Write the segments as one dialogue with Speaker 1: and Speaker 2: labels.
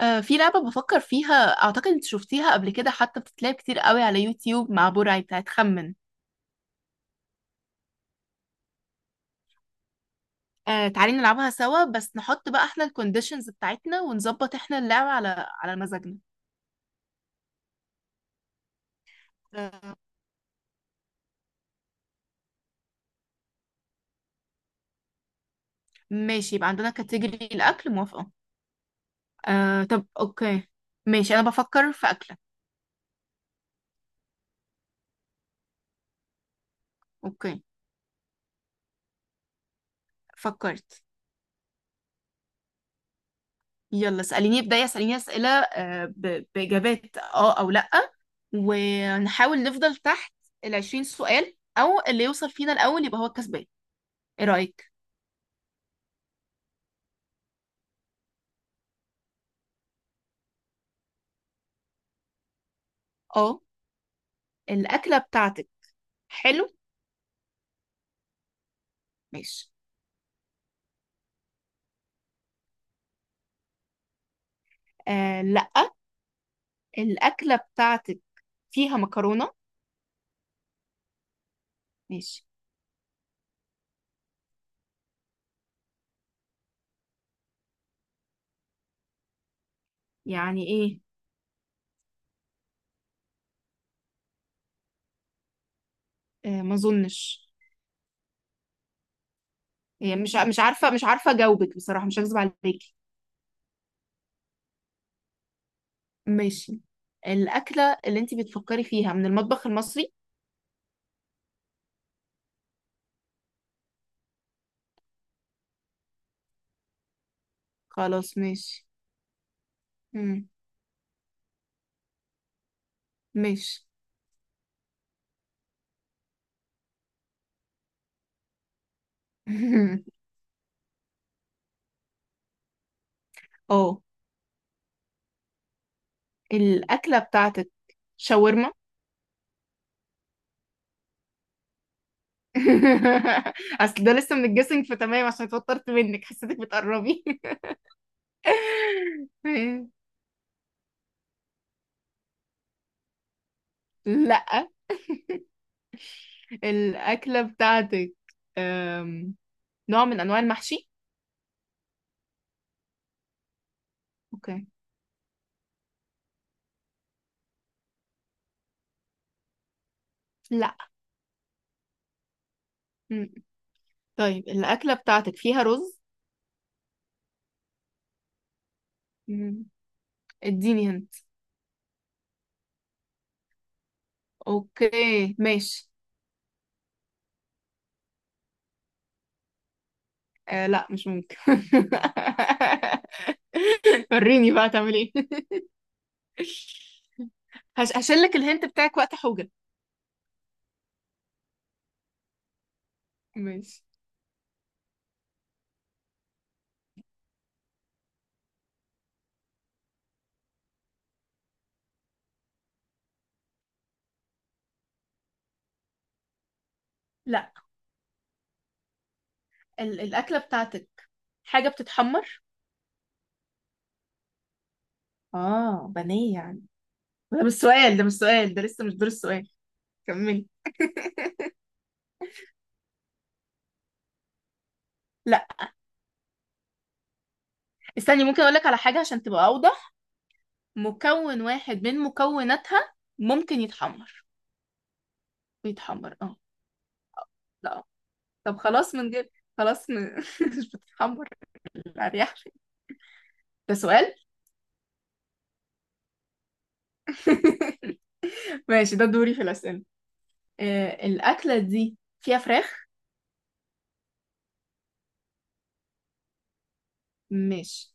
Speaker 1: في لعبة بفكر فيها. أعتقد أنت شفتيها قبل كده، حتى بتتلعب كتير قوي على يوتيوب مع برعي، بتاعت خمن. تعالي نلعبها سوا، بس نحط بقى احنا الكونديشنز بتاعتنا ونظبط احنا اللعبة على مزاجنا. آه، ماشي، يبقى عندنا كاتيجوري الأكل، موافقة. طب أوكي. ماشي، أنا بفكر في أكلة. أوكي. فكرت. يلا اسأليني، ابدأي اسأليني أسئلة بإجابات اه أو لأ، ونحاول نفضل تحت 20 سؤال، أو اللي يوصل فينا الأول يبقى هو الكسبان. ايه رأيك؟ اه. الأكلة بتاعتك؟ حلو. ماشي. آه لأ. الأكلة بتاعتك فيها مكرونة؟ ماشي. يعني ايه؟ آه ما اظنش. هي مش عارفة، مش عارفة اجاوبك، بصراحة مش هكذب عليكي. ماشي. الأكلة اللي انتي بتفكري فيها من المطبخ المصري؟ خلاص ماشي. مم. ماشي. اه. الأكلة بتاعتك شاورما؟ اصل ده لسه من الجيسنج فتمام، عشان اتوترت منك، حسيتك بتقربي. لا. الأكلة بتاعتك، أم، نوع من أنواع المحشي؟ اوكي. لا. مم. طيب الأكلة بتاعتك فيها رز؟ مم. اديني هنت. اوكي ماشي. أه لا، مش ممكن. وريني بقى تعمل ايه. هش، هشيل لك الهنت بتاعك وقت حوجة. ماشي. لا. الأكلة بتاعتك حاجة بتتحمر؟ اه، بانيه يعني. ده مش سؤال، ده مش سؤال، ده لسه مش دور السؤال. كملي. لا. استني، ممكن اقول لك على حاجه عشان تبقى اوضح. مكون واحد من مكوناتها ممكن يتحمر. بيتحمر اه. لا. طب خلاص من غير، خلاص مش بتتحمر. الارياح فين؟ ده سؤال. ماشي، ده دوري في الاسئله. آه، الاكله دي فيها فراخ؟ ماشي.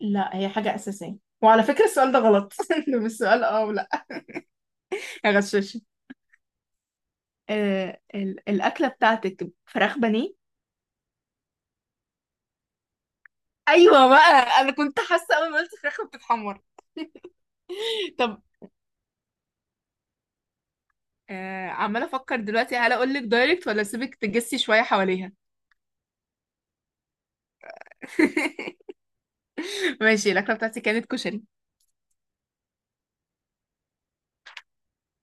Speaker 1: لا، هي حاجه اساسيه. وعلى فكره السؤال ده غلط، ده مش سؤال اه ولا. هغششك. الاكله بتاعتك فراخ بانيه. ايوه بقى، انا كنت حاسه اول ما قلت فراخ بتتحمر. طب، آه عمالة أفكر دلوقتي، هل أقول لك دايركت ولا أسيبك تجسي شوية حواليها. ماشي، الأكلة بتاعتي كانت كشري.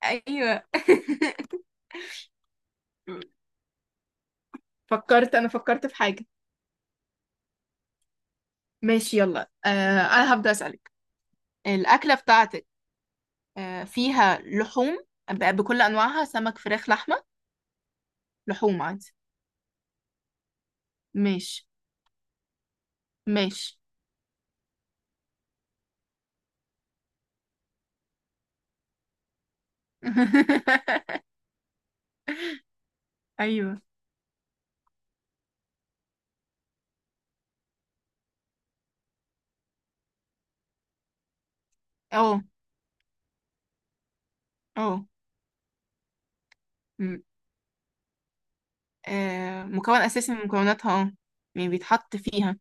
Speaker 1: أيوه. فكرت، أنا فكرت في حاجة. ماشي، يلا أنا هبدأ أسألك. الأكلة بتاعتك فيها لحوم، بكل أنواعها، سمك فراخ لحمة. لحوم عادي. ماشي. ماشي. أيوه. أه. أه. م- مكون أساسي من مكوناتها أه، يعني بيتحط فيها.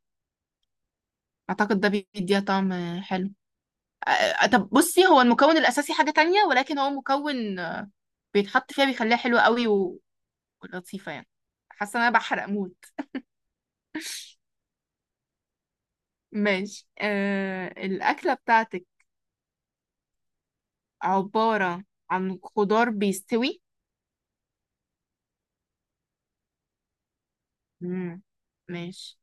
Speaker 1: أعتقد ده بيديها طعم. حلو. طب بصي، هو المكون الأساسي حاجة تانية، ولكن هو مكون بيتحط فيها بيخليها حلوة قوي ولطيفة يعني. حاسة إن أنا بحرق موت. ماشي. الأكلة بتاعتك عبارة عن خضار بيستوي. مم. ماشي.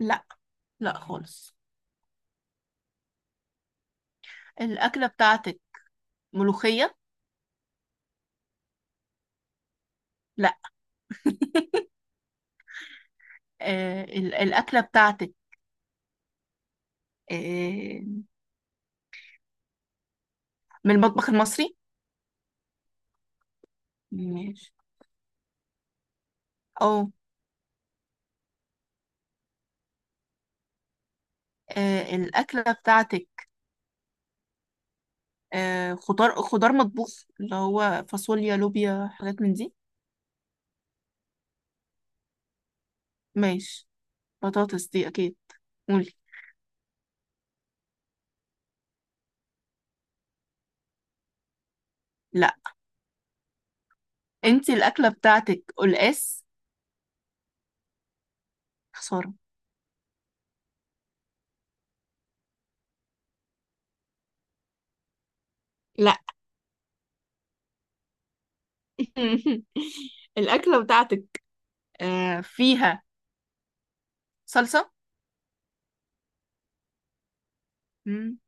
Speaker 1: لا، لا خالص. الأكلة بتاعتك ملوخية؟ لا. الأكلة بتاعتك آه من المطبخ المصري. ماشي. أو. الأكلة بتاعتك خضار مطبوخ، اللي هو فاصوليا لوبيا حاجات من دي. ماشي. بطاطس دي اكيد. قولي. لا. انت الاكله بتاعتك قلقاس. خساره. لا. الأكلة بتاعتك فيها صلصه. مم.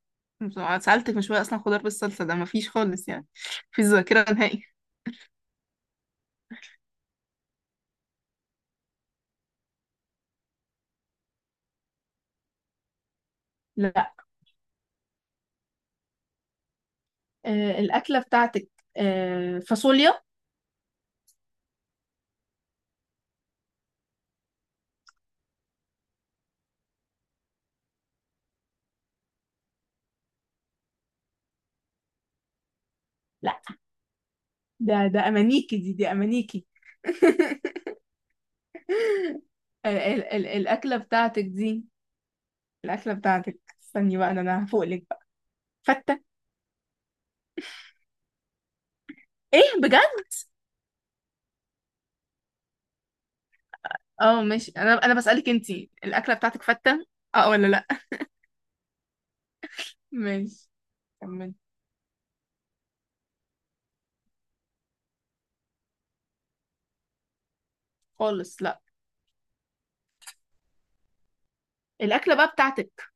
Speaker 1: سألتك من شوية أصلا، خضار بالصلصة ده مفيش خالص يعني، في ذاكرة نهائي. لا. الأكلة بتاعتك فاصوليا. لا. ده أمانيكي، دي أمانيكي. ال ال ال الأكلة بتاعتك دي، الأكلة بتاعتك، استني بقى، ده أنا هفوق لك بقى. فتة. إيه بجد؟ اه ماشي، أنا بسألك، أنتي الأكلة بتاعتك فتة؟ اه ولا لأ؟ ماشي، كمل. خالص لأ. الأكلة بقى بتاعتك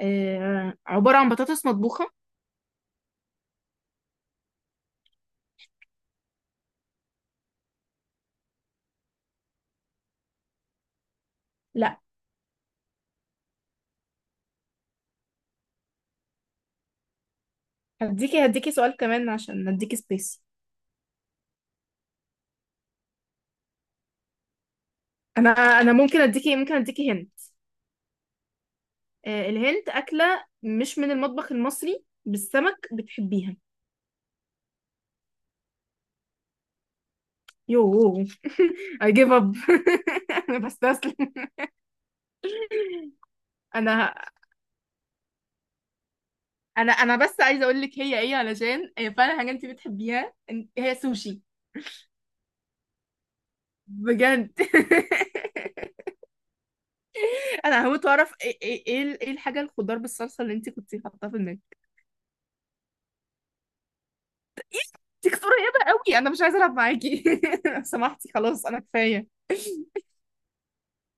Speaker 1: عبارة عن بطاطس مطبوخة؟ لأ. هديكي، هديكي سؤال كمان عشان نديكي سبيس. أنا ممكن أديكي، ممكن أديكي هنت. الهنت، أكلة مش من المطبخ المصري بالسمك بتحبيها. يو. I give up. انا بستسلم. انا انا بس عايزه اقول لك هي ايه، علشان هي فعلا حاجه انت بتحبيها. هي سوشي. بجد. انا هموت واعرف ايه، ايه، ايه، إيه الحاجه الخضار بالصلصه اللي انت كنتي حاطاها في المنيو. دي كانت قريبه قوي، انا مش عايزه العب معاكي. لو سمحتي، خلاص انا كفايه.